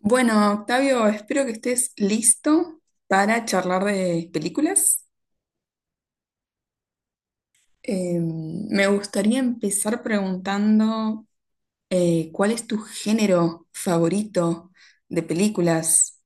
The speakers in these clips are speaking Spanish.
Bueno, Octavio, espero que estés listo para charlar de películas. Me gustaría empezar preguntando ¿cuál es tu género favorito de películas?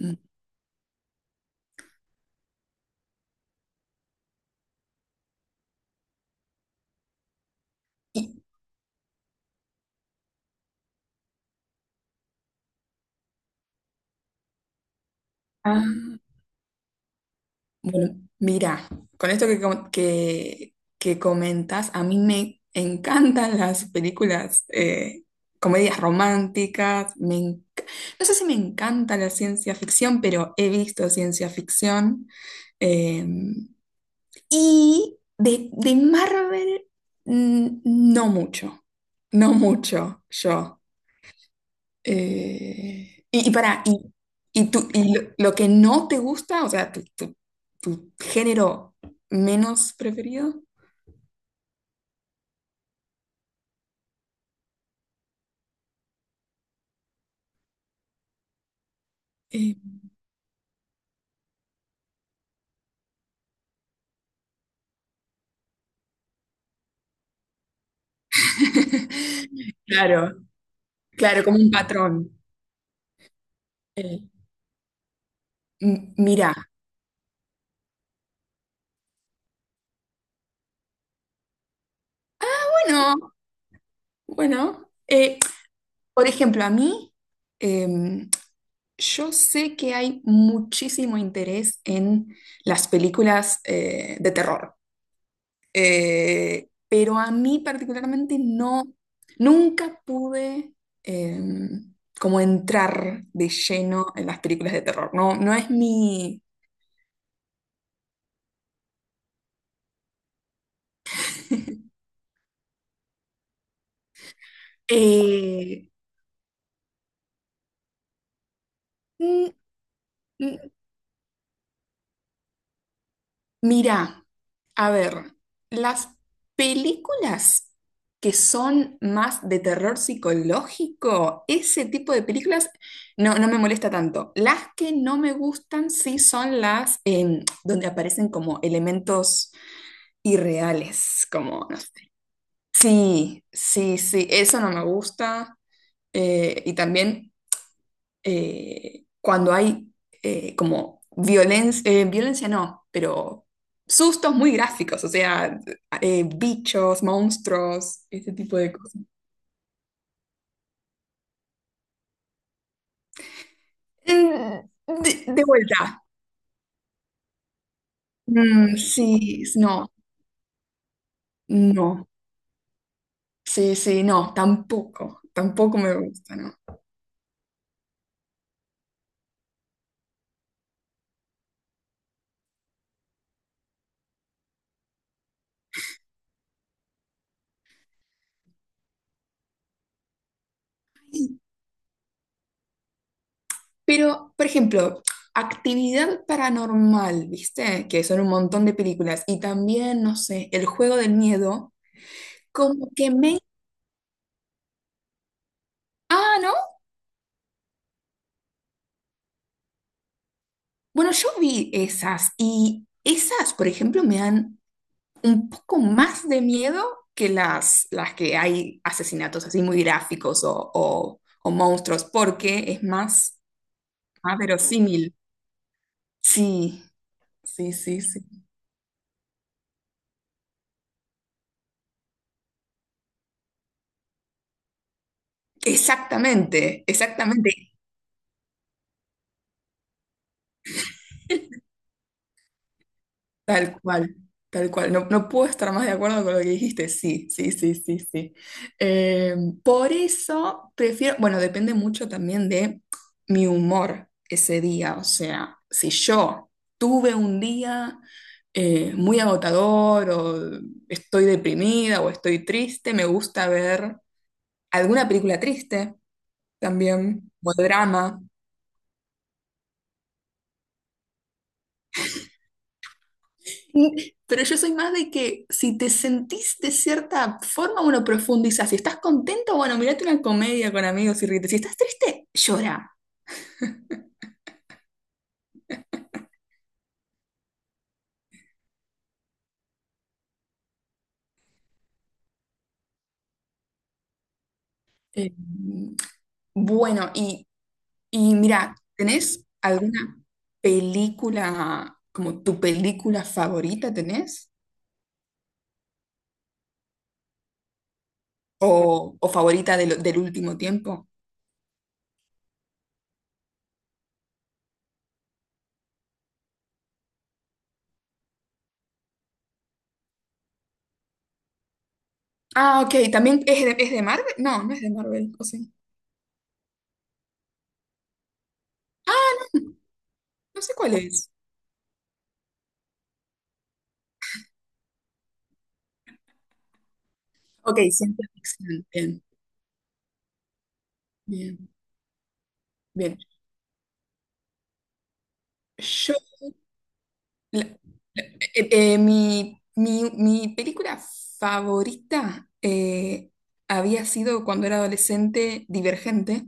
Mm. Y- ah, Bueno, mira, con esto que comentas, a mí me encantan las películas, comedias románticas, no sé si me encanta la ciencia ficción, pero he visto ciencia ficción. eh, y de Marvel, mm, no mucho, no mucho yo. Eh, y, y para, y, tú, lo que no te gusta, o sea, tu género menos preferido. eh, claro, claro, como un patrón. Eh, Mira, bueno, bueno, por ejemplo, a mí, em, yo sé que hay muchísimo interés en las películas de terror. Pero a mí particularmente no, nunca pude eh, como entrar de lleno en las películas de terror. No, no es mi… eh, mm, mm, mirá, a ver, las películas que son más de terror psicológico, ese tipo de películas no, no me molesta tanto. Las que no me gustan sí son las donde aparecen como elementos irreales, como, no sé. Sí, sí, sí, eso no me gusta. Y también cuando hay como violencia, violencia no, pero sustos muy gráficos, o sea, bichos, monstruos, ese tipo de cosas. Mm, de vuelta. Mm, sí, no, no, sí, sí, no, tampoco, tampoco me gusta, ¿no? Pero, por ejemplo, actividad paranormal, ¿viste? Que son un montón de películas. Y también, no sé, El Juego del Miedo, como que me… Ah, ¿no? Bueno, yo vi esas y esas, por ejemplo, me dan un poco más de miedo que las que hay asesinatos así muy gráficos o monstruos, porque es más, más verosímil. Sí, sí, sí, sí. Exactamente, exactamente. Tal cual, tal cual. No, no puedo estar más de acuerdo con lo que dijiste. Sí, sí, sí, sí, sí. Eh, por eso prefiero, bueno, depende mucho también de mi humor ese día. O sea, si yo tuve un día muy agotador o estoy deprimida o estoy triste, me gusta ver alguna película triste también, o drama. Pero yo soy más de que si te sentís de cierta forma, uno profundiza. Si estás contento, bueno, mirate una comedia con amigos y ríete. Si estás triste, llora. Eh, bueno, y mira, ¿tenés alguna película, como tu película favorita tenés? O favorita del último tiempo? Ah, ok, ¿también es de Marvel? No, no es de Marvel, ¿o sí? Ah, no sé cuál es. Ok, ciencia ficción. Bien, bien, bien. Yo, mi película favorita había sido cuando era adolescente Divergente.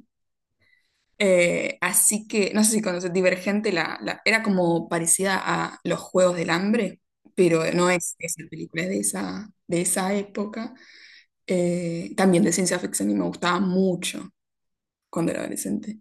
Así que, no sé si conoces, Divergente era como parecida a Los Juegos del Hambre, pero no es esa película, es de esa época. También de ciencia ficción y me gustaba mucho cuando era adolescente.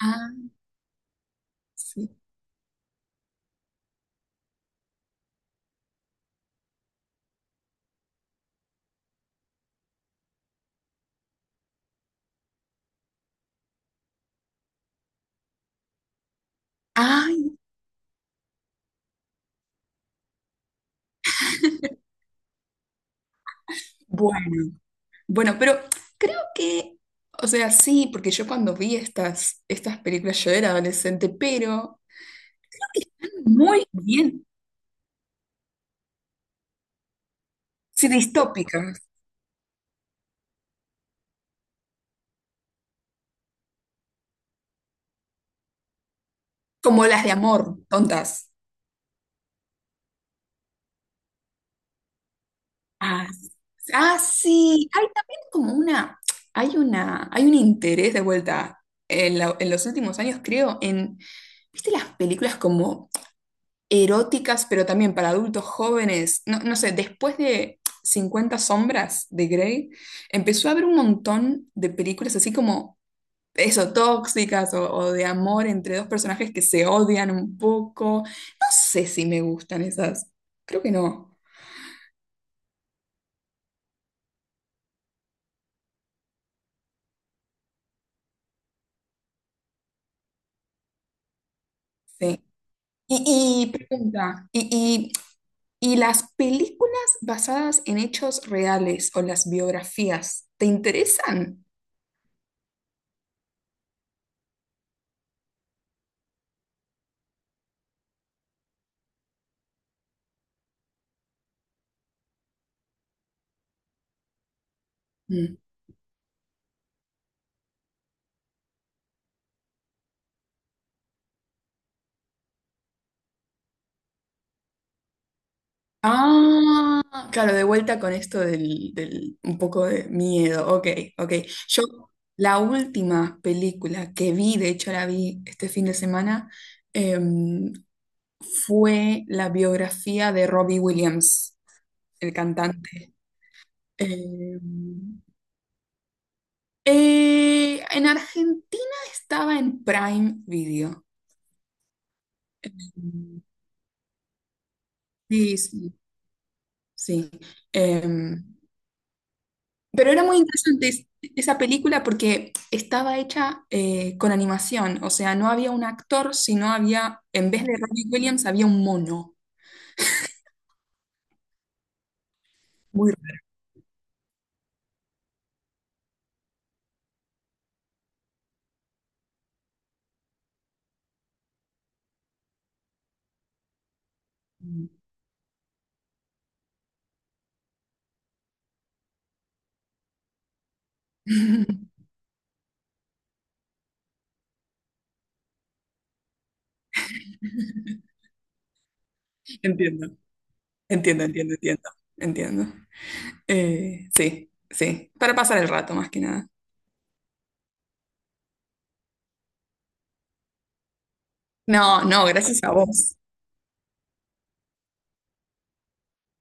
Ah, sí. Ay, bueno. Bueno, pero creo que, o sea, sí, porque yo cuando vi estas, estas películas yo era adolescente, pero muy bien, sí, distópicas, como las de amor, tontas. Ah, ah, sí, hay también como una, hay un interés de vuelta en, en los últimos años, creo, en, ¿viste las películas como eróticas, pero también para adultos jóvenes? No, no sé, después de Cincuenta Sombras de Grey, empezó a haber un montón de películas así como eso, tóxicas o de amor entre dos personajes que se odian un poco. No sé si me gustan esas. Creo que no. Sí. Y pregunta, y las películas basadas en hechos reales o las biografías, ¿te interesan? Mm. Ah, claro, de vuelta con esto del, del un poco de miedo. Ok, ok. Yo, la última película que vi, de hecho la vi este fin de semana, em, fue la biografía de Robbie Williams, el cantante. Em, en Argentina estaba en Prime Video. Sí, sí, sí. Em, pero era muy interesante esa película porque estaba hecha con animación, o sea, no había un actor, sino había, en vez de Robbie Williams, había un mono. Muy raro. Entiendo, entiendo, entiendo, entiendo, entiendo. Sí, sí, para pasar el rato más que nada. No, no, gracias a vos.